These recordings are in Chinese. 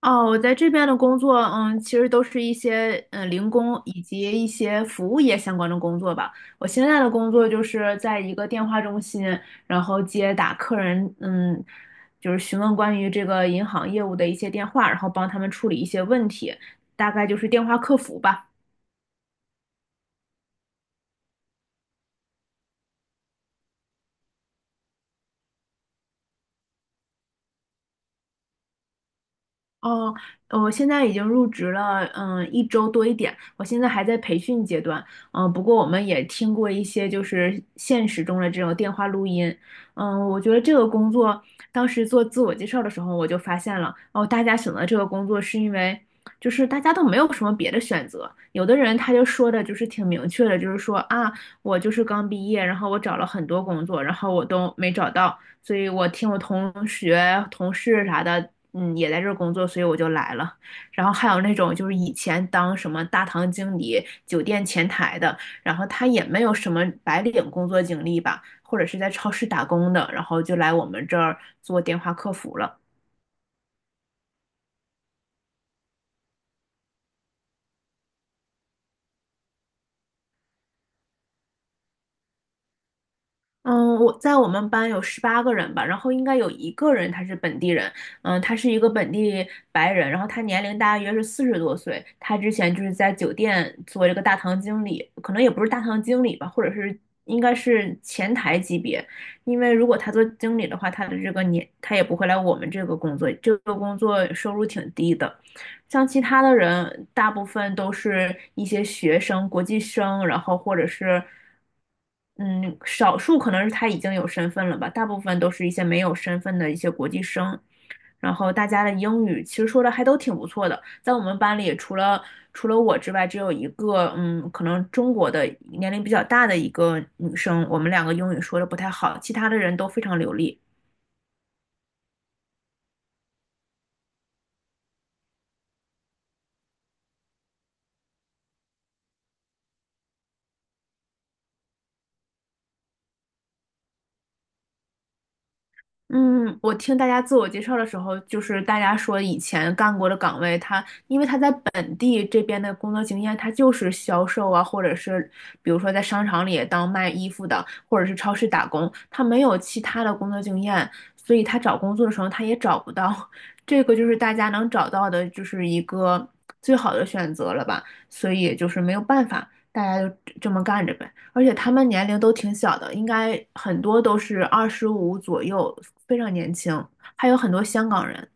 哦，我在这边的工作，其实都是一些零工以及一些服务业相关的工作吧。我现在的工作就是在一个电话中心，然后接打客人，就是询问关于这个银行业务的一些电话，然后帮他们处理一些问题，大概就是电话客服吧。哦，我现在已经入职了，一周多一点。我现在还在培训阶段，不过我们也听过一些就是现实中的这种电话录音，我觉得这个工作当时做自我介绍的时候，我就发现了，哦，大家选择这个工作是因为就是大家都没有什么别的选择，有的人他就说的就是挺明确的，就是说啊，我就是刚毕业，然后我找了很多工作，然后我都没找到。所以我听我同学、同事啥的，也在这儿工作，所以我就来了。然后还有那种就是以前当什么大堂经理、酒店前台的，然后他也没有什么白领工作经历吧，或者是在超市打工的，然后就来我们这儿做电话客服了。嗯，我在我们班有十八个人吧，然后应该有一个人他是本地人，他是一个本地白人，然后他年龄大约是40多岁，他之前就是在酒店做这个大堂经理，可能也不是大堂经理吧，或者是应该是前台级别，因为如果他做经理的话，他的这个年他也不会来我们这个工作，这个工作收入挺低的。像其他的人，大部分都是一些学生、国际生，然后或者是嗯，少数可能是他已经有身份了吧，大部分都是一些没有身份的一些国际生。然后大家的英语其实说的还都挺不错的，在我们班里除了我之外，只有一个可能中国的年龄比较大的一个女生，我们两个英语说的不太好，其他的人都非常流利。嗯，我听大家自我介绍的时候，就是大家说以前干过的岗位，因为他在本地这边的工作经验，他就是销售啊，或者是比如说在商场里当卖衣服的，或者是超市打工，他没有其他的工作经验，所以他找工作的时候他也找不到。这个就是大家能找到的，就是一个最好的选择了吧，所以也就是没有办法，大家就这么干着呗。而且他们年龄都挺小的，应该很多都是25左右，非常年轻，还有很多香港人。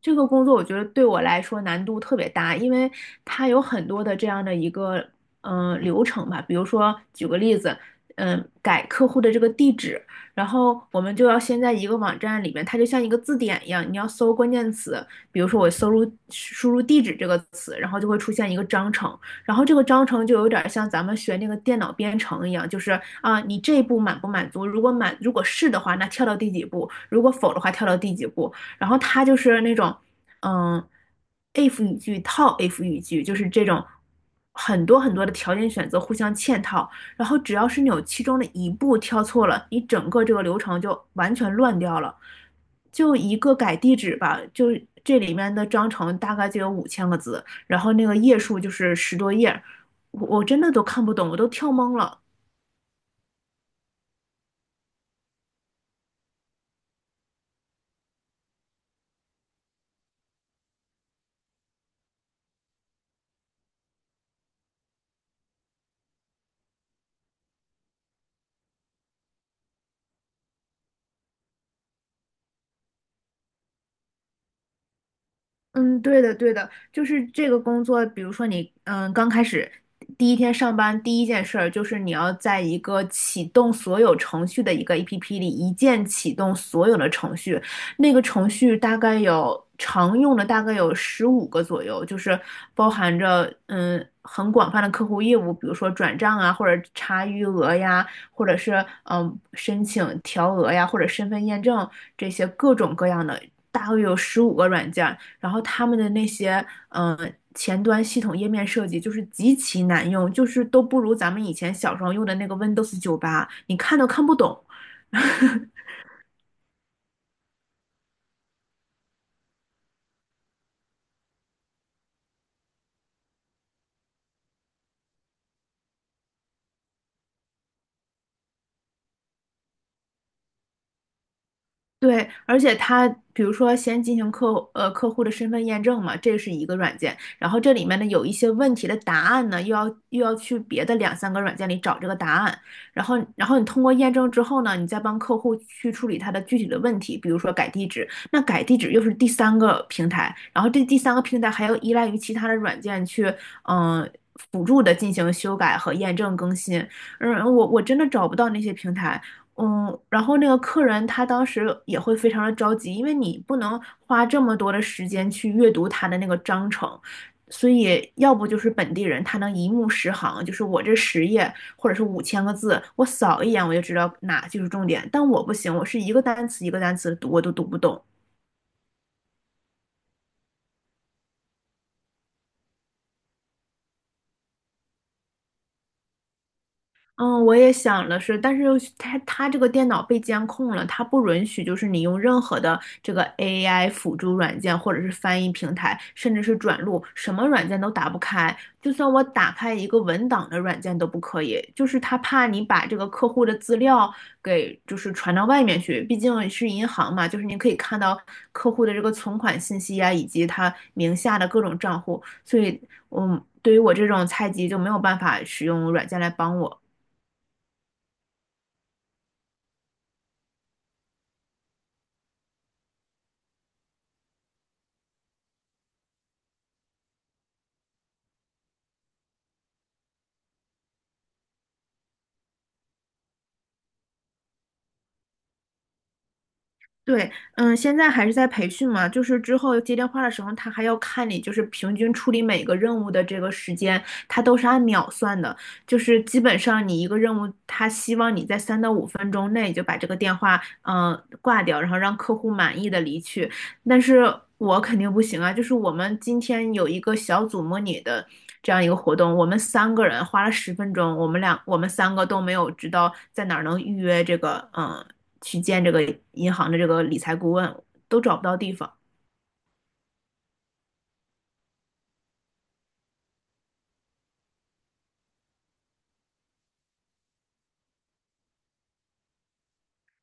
这个工作我觉得对我来说难度特别大，因为它有很多的这样的一个流程吧。比如说，举个例子，改客户的这个地址，然后我们就要先在一个网站里面，它就像一个字典一样，你要搜关键词，比如说我输入地址这个词，然后就会出现一个章程，然后这个章程就有点像咱们学那个电脑编程一样，就是啊，你这一步满不满足？如果是的话，那跳到第几步；如果否的话，跳到第几步。然后他就是那种，嗯，if 语句套 if 语句，就是这种很多很多的条件选择互相嵌套，然后只要是你有其中的一步跳错了，你整个这个流程就完全乱掉了。就一个改地址吧，就这里面的章程大概就有五千个字，然后那个页数就是十多页，我真的都看不懂，我都跳懵了。嗯，对的，对的，就是这个工作，比如说你，刚开始第一天上班，第一件事儿就是你要在一个启动所有程序的一个 APP 里，一键启动所有的程序。那个程序大概有常用的大概有十五个左右，就是包含着很广泛的客户业务，比如说转账啊，或者查余额呀，或者是申请调额呀，或者身份验证这些各种各样的，大概有十五个软件。然后他们的那些嗯、呃前端系统页面设计就是极其难用，就是都不如咱们以前小时候用的那个 Windows 98，你看都看不懂。对，而且它比如说先进行客户的身份验证嘛，这是一个软件，然后这里面呢有一些问题的答案呢，又要去别的两三个软件里找这个答案，然后你通过验证之后呢，你再帮客户去处理他的具体的问题，比如说改地址，那改地址又是第三个平台，然后这第三个平台还要依赖于其他的软件去嗯、呃辅助的进行修改和验证更新，我真的找不到那些平台。然后那个客人他当时也会非常的着急，因为你不能花这么多的时间去阅读他的那个章程，所以要不就是本地人他能一目十行，就是我这十页或者是五千个字，我扫一眼我就知道哪就是重点，但我不行，我是一个单词一个单词地读我都读不懂。嗯，我也想的是，但是他它它这个电脑被监控了，它不允许就是你用任何的这个 AI 辅助软件或者是翻译平台，甚至是转录，什么软件都打不开。就算我打开一个文档的软件都不可以，就是他怕你把这个客户的资料给就是传到外面去，毕竟是银行嘛，就是你可以看到客户的这个存款信息啊，以及他名下的各种账户，所以，对于我这种菜鸡就没有办法使用软件来帮我。对，现在还是在培训嘛，就是之后接电话的时候，他还要看你就是平均处理每个任务的这个时间，他都是按秒算的，就是基本上你一个任务，他希望你在3到5分钟内就把这个电话嗯、呃挂掉，然后让客户满意的离去。但是我肯定不行啊，就是我们今天有一个小组模拟的这样一个活动，我们三个人花了十分钟，我们三个都没有知道在哪儿能预约这个去见这个银行的这个理财顾问，都找不到地方。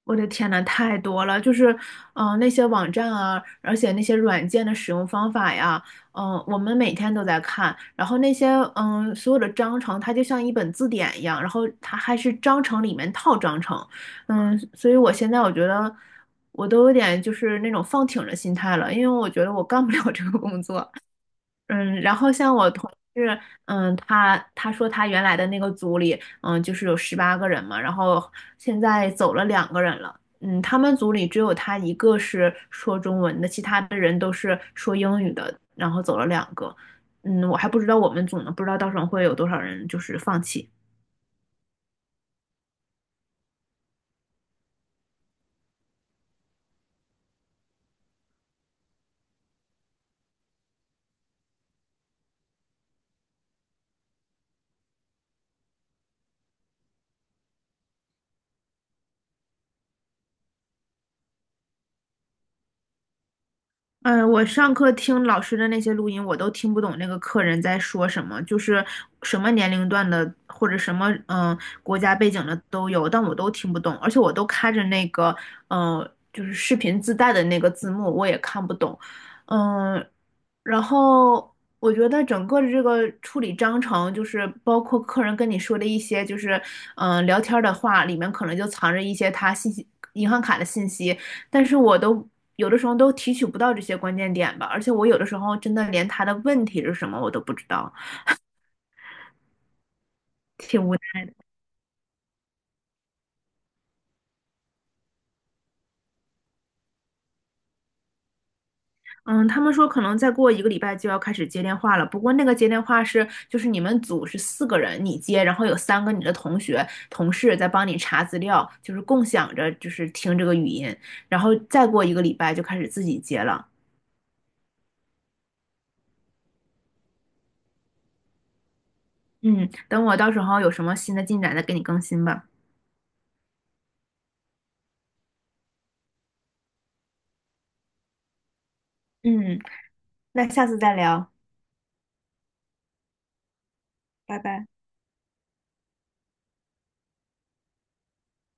我的天呐，太多了，就是，那些网站啊，而且那些软件的使用方法呀，我们每天都在看，然后那些，所有的章程，它就像一本字典一样，然后它还是章程里面套章程，所以我现在我觉得我都有点就是那种放挺的心态了，因为我觉得我干不了这个工作。然后像我同事，他说他原来的那个组里，就是有十八个人嘛，然后现在走了两个人了，他们组里只有他一个是说中文的，其他的人都是说英语的，然后走了两个，我还不知道我们组呢，不知道到时候会有多少人就是放弃。我上课听老师的那些录音，我都听不懂那个客人在说什么，就是什么年龄段的或者什么国家背景的都有，但我都听不懂，而且我都开着那个就是视频自带的那个字幕，我也看不懂。嗯、然后我觉得整个的这个处理章程，就是包括客人跟你说的一些，就是聊天儿的话，里面可能就藏着一些他信息、银行卡的信息，但是我都有的时候都提取不到这些关键点吧，而且我有的时候真的连他的问题是什么我都不知道。嗯，他们说可能再过一个礼拜就要开始接电话了。不过那个接电话是，就是你们组是四个人，你接，然后有三个你的同学、同事在帮你查资料，就是共享着，就是听这个语音。然后再过一个礼拜就开始自己接了。嗯，等我到时候有什么新的进展再给你更新吧。嗯，那下次再聊，拜拜。